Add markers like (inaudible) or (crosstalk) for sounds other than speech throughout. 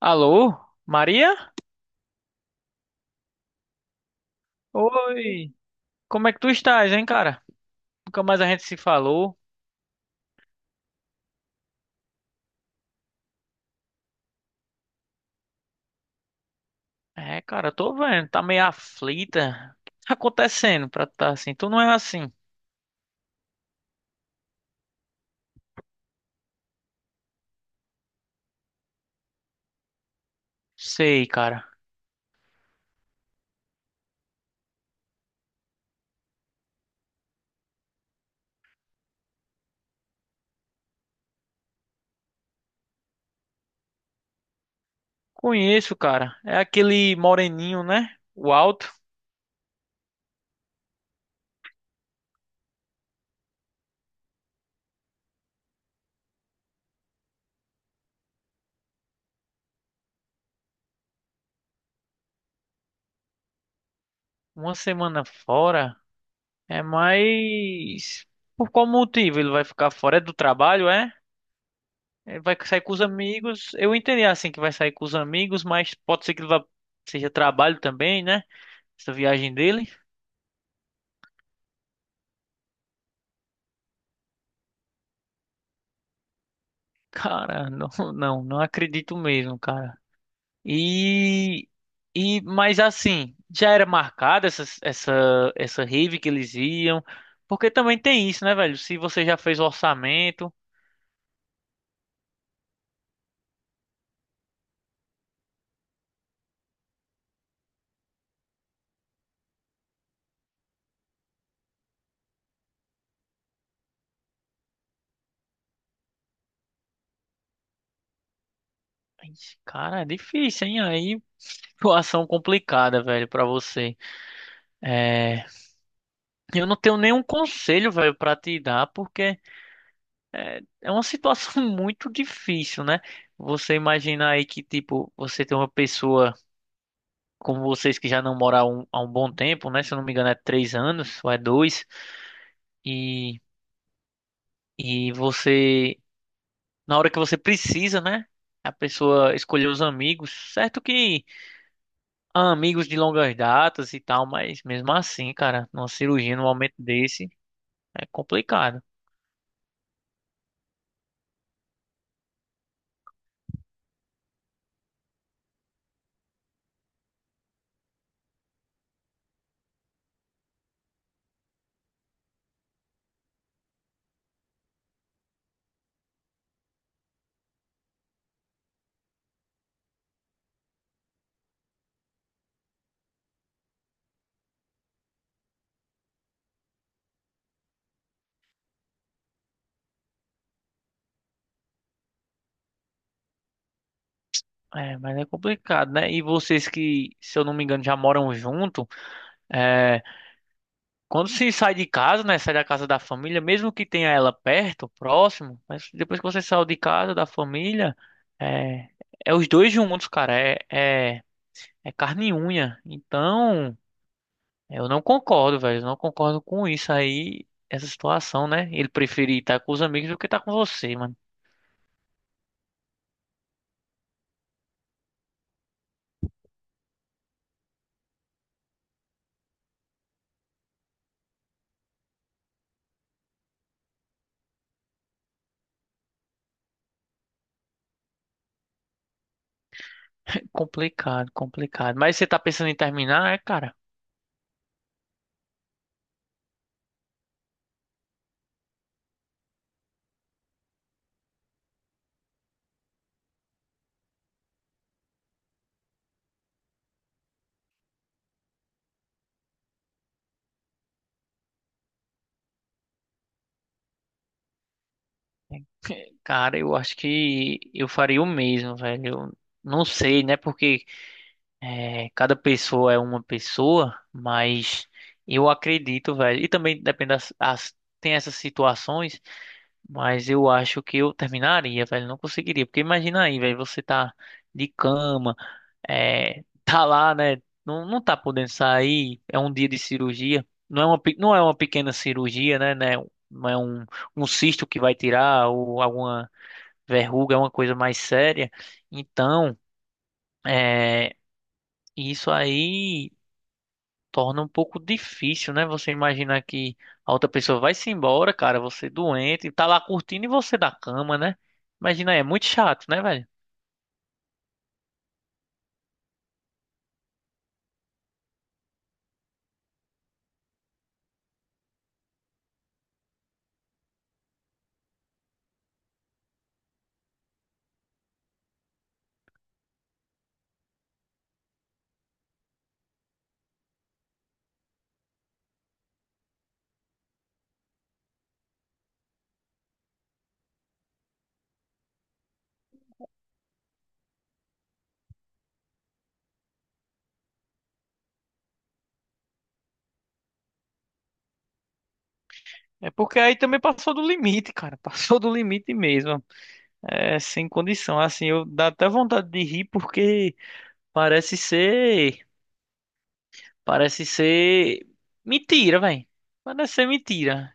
Alô, Maria? Oi, como é que tu estás, hein, cara? Nunca mais a gente se falou. É, cara, eu tô vendo, tá meio aflita. O que tá acontecendo pra tu tá assim? Tu não é assim. Sei, cara. Conheço, cara. É aquele moreninho, né? O alto. Uma semana fora. É mais. Por qual motivo ele vai ficar fora? É do trabalho, é? Ele vai sair com os amigos. Eu entendi assim que vai sair com os amigos, mas pode ser que ele vá seja trabalho também, né? Essa viagem dele. Cara, (laughs) não, não, não acredito mesmo, cara. E, mas assim, já era marcada essa rave que eles iam, porque também tem isso, né, velho? Se você já fez o orçamento. Ixi, cara, é difícil, hein? Aí, situação complicada, velho, pra você. É, eu não tenho nenhum conselho, velho, pra te dar, porque é uma situação (laughs) muito difícil, né? Você imagina aí que, tipo, você tem uma pessoa. Como vocês, que já não moram há um bom tempo, né? Se eu não me engano, é três anos ou é dois. E, você, na hora que você precisa, né? A pessoa escolher os amigos. Certo que há amigos de longas datas e tal, mas mesmo assim, cara, numa cirurgia, num momento desse, é complicado. É, mas é complicado, né? E vocês que, se eu não me engano, já moram junto. é, Quando se sai de casa, né? Sai da casa da família, mesmo que tenha ela perto, próximo, mas depois que você saiu de casa, da família, é, é os dois juntos, cara. É carne e unha. Então, eu não concordo, velho. Eu não concordo com isso aí, essa situação, né? Ele preferir estar com os amigos do que estar com você, mano. (laughs) Complicado, complicado. Mas você tá pensando em terminar, é, cara? Cara, eu acho que eu faria o mesmo, velho. Eu não sei, né? Porque é, cada pessoa é uma pessoa, mas eu acredito, velho. E também depende das, as- tem essas situações, mas eu acho que eu terminaria, velho. Não conseguiria, porque imagina aí, velho, você tá de cama, (laughs) tá lá, né? Não, não tá podendo sair, é um dia de cirurgia. Não é uma, pe- não é uma pequena cirurgia, né? Né, não é um, um cisto que vai tirar ou alguma verruga, é uma coisa mais séria. Então, é, isso aí torna um pouco difícil, né? Você imaginar que a outra pessoa vai se embora, cara, você doente, tá lá curtindo e você da cama, né? Imagina, é muito chato, né, velho? É porque aí também passou do limite, cara. (laughs) Passou do limite mesmo. É sem condição. Assim, eu dá até vontade de rir porque parece ser, parece ser mentira, velho. Parece ser mentira.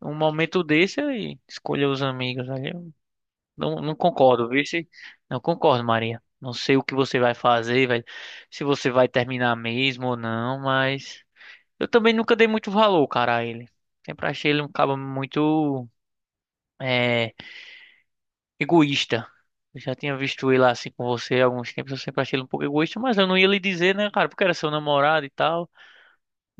Um momento desse, eu escolher os amigos ali. Não, não concordo, viu? Se- não concordo, Maria. Não sei o que você vai fazer, vai, se você vai terminar mesmo ou não, mas eu também nunca dei muito valor, cara, a ele. Sempre achei ele um cabo muito é, egoísta. Eu já tinha visto ele assim com você há alguns tempos, eu sempre achei ele um pouco egoísta, mas eu não ia lhe dizer, né, cara, porque era seu namorado e tal.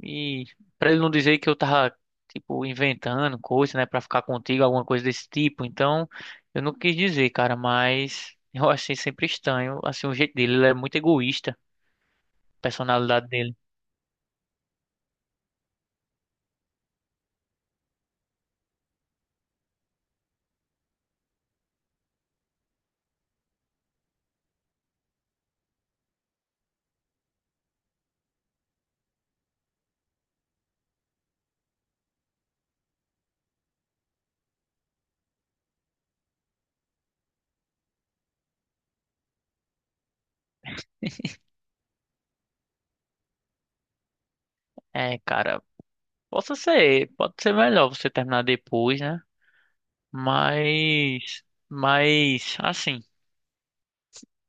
E pra ele não dizer que eu tava, tipo, inventando coisa, né, pra ficar contigo, alguma coisa desse tipo. Então, eu não quis dizer, cara, mas (laughs) eu achei sempre estranho, assim, o jeito dele. Ele é muito egoísta, a personalidade dele. É, cara, possa ser, pode ser melhor você terminar depois, né? Mas, mas assim,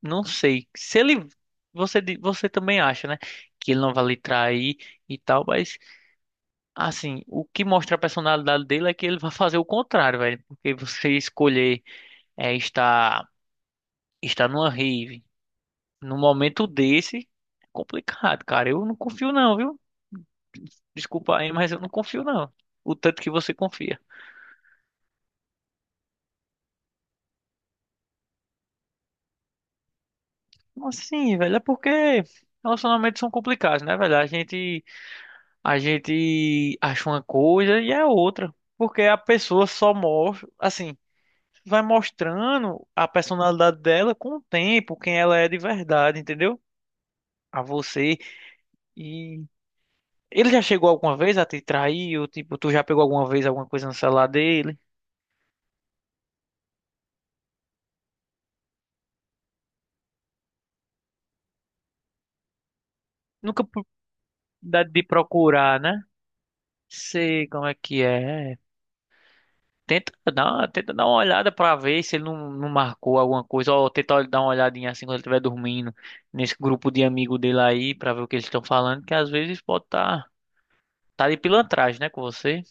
não sei. Se ele, você, di- você também acha, né, que ele não vai lhe trair e tal, mas assim, o que mostra a personalidade dele é que ele vai fazer o contrário, velho. Porque você escolher é, estar, estar numa rave num momento desse, é complicado, cara. Eu não confio não, viu? Desculpa aí, mas eu não confio não. O tanto que você confia. Assim, velho, é porque relacionamentos são complicados, né, velho? A gente acha uma coisa e é outra. Porque a pessoa só mostra, assim, vai mostrando a personalidade dela com o tempo, quem ela é de verdade, entendeu? A você. E ele já chegou alguma vez a te trair? Ou, tipo, tu já pegou alguma vez alguma coisa no celular dele? Nunca oportunidade de procurar, né? Sei como é que é. Tenta dar uma olhada pra ver se ele não, não marcou alguma coisa. Ou tenta dar uma olhadinha assim quando ele estiver dormindo nesse grupo de amigo dele aí pra ver o que eles estão falando, que às vezes pode tá de pilantragem, né, com você.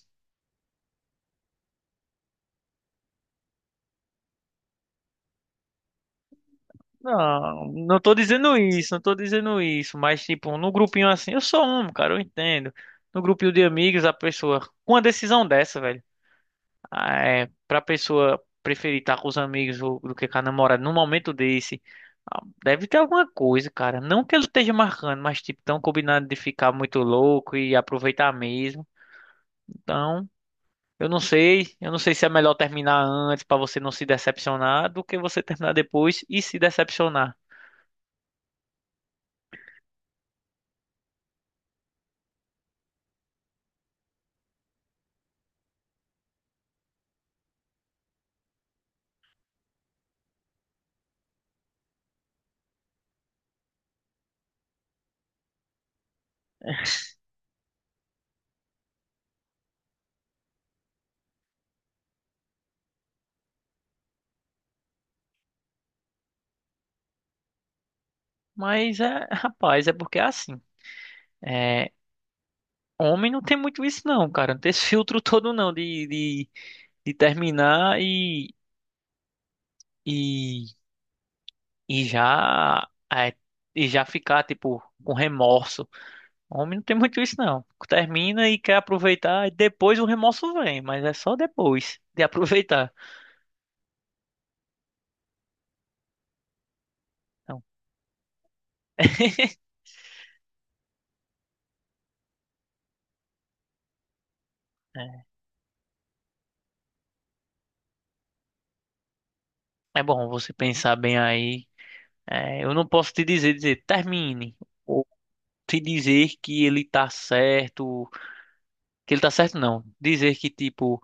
Não, não tô dizendo isso, não tô dizendo isso, mas tipo, no grupinho assim, eu sou um, cara, eu entendo. No grupinho de amigos, a pessoa, com uma decisão dessa, velho, ah, é, pra pessoa preferir estar com os amigos do que com a namorada num momento desse, ah, deve ter alguma coisa, cara. Não que ele esteja marcando, mas tipo, tão combinado de ficar muito louco e aproveitar mesmo. Então, eu não sei se é melhor terminar antes pra você não se decepcionar do que você terminar depois e se decepcionar. Mas é, (laughs) rapaz, é porque é assim. É, homem não tem muito isso não, cara. Não tem esse filtro (laughs) todo não de terminar e, e já é, e já ficar tipo com remorso. Homem não tem muito isso não. Termina e quer aproveitar e depois o remorso vem, mas é só depois de aproveitar. Então, (laughs) é é bom você pensar bem aí. É, eu não posso te dizer, termine. Ou te dizer que ele tá certo. Que ele tá certo, não. Dizer que, tipo,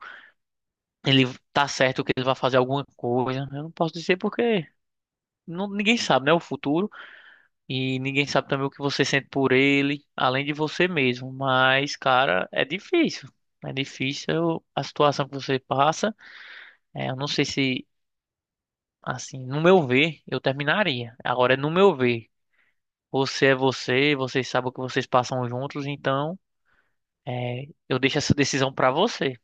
ele tá certo que ele vai fazer alguma coisa. Eu não posso dizer porque não, ninguém sabe, né? O futuro. E ninguém sabe também o que você sente por ele, além de você mesmo. Mas, cara, é difícil. É difícil a situação que você passa. É, eu não sei se, assim, no meu ver, eu terminaria. Agora, é no meu ver, você é você, vocês sabem o que vocês passam juntos, então, é, eu deixo essa decisão pra você.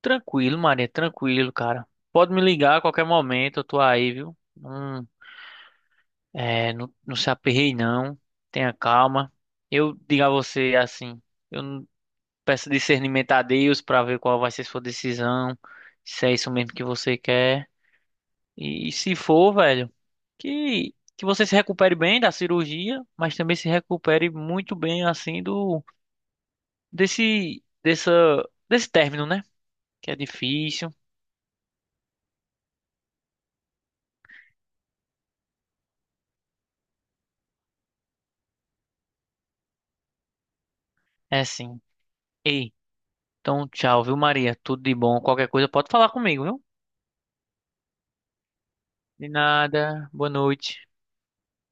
Tranquilo, Maria, tranquilo, cara. Pode me ligar a qualquer momento, eu tô aí, viu? Não, é, não, não se aperrei, não. Tenha calma. Eu digo a você assim, eu não- peço discernimento a Deus pra ver qual vai ser sua decisão, se é isso mesmo que você quer. E, se for, velho, que você se recupere bem da cirurgia, mas também se recupere muito bem assim do desse dessa desse término, né? Que é difícil. É assim. Ei. Então, tchau, viu, Maria? Tudo de bom. Qualquer coisa pode falar comigo, viu? De nada. Boa noite.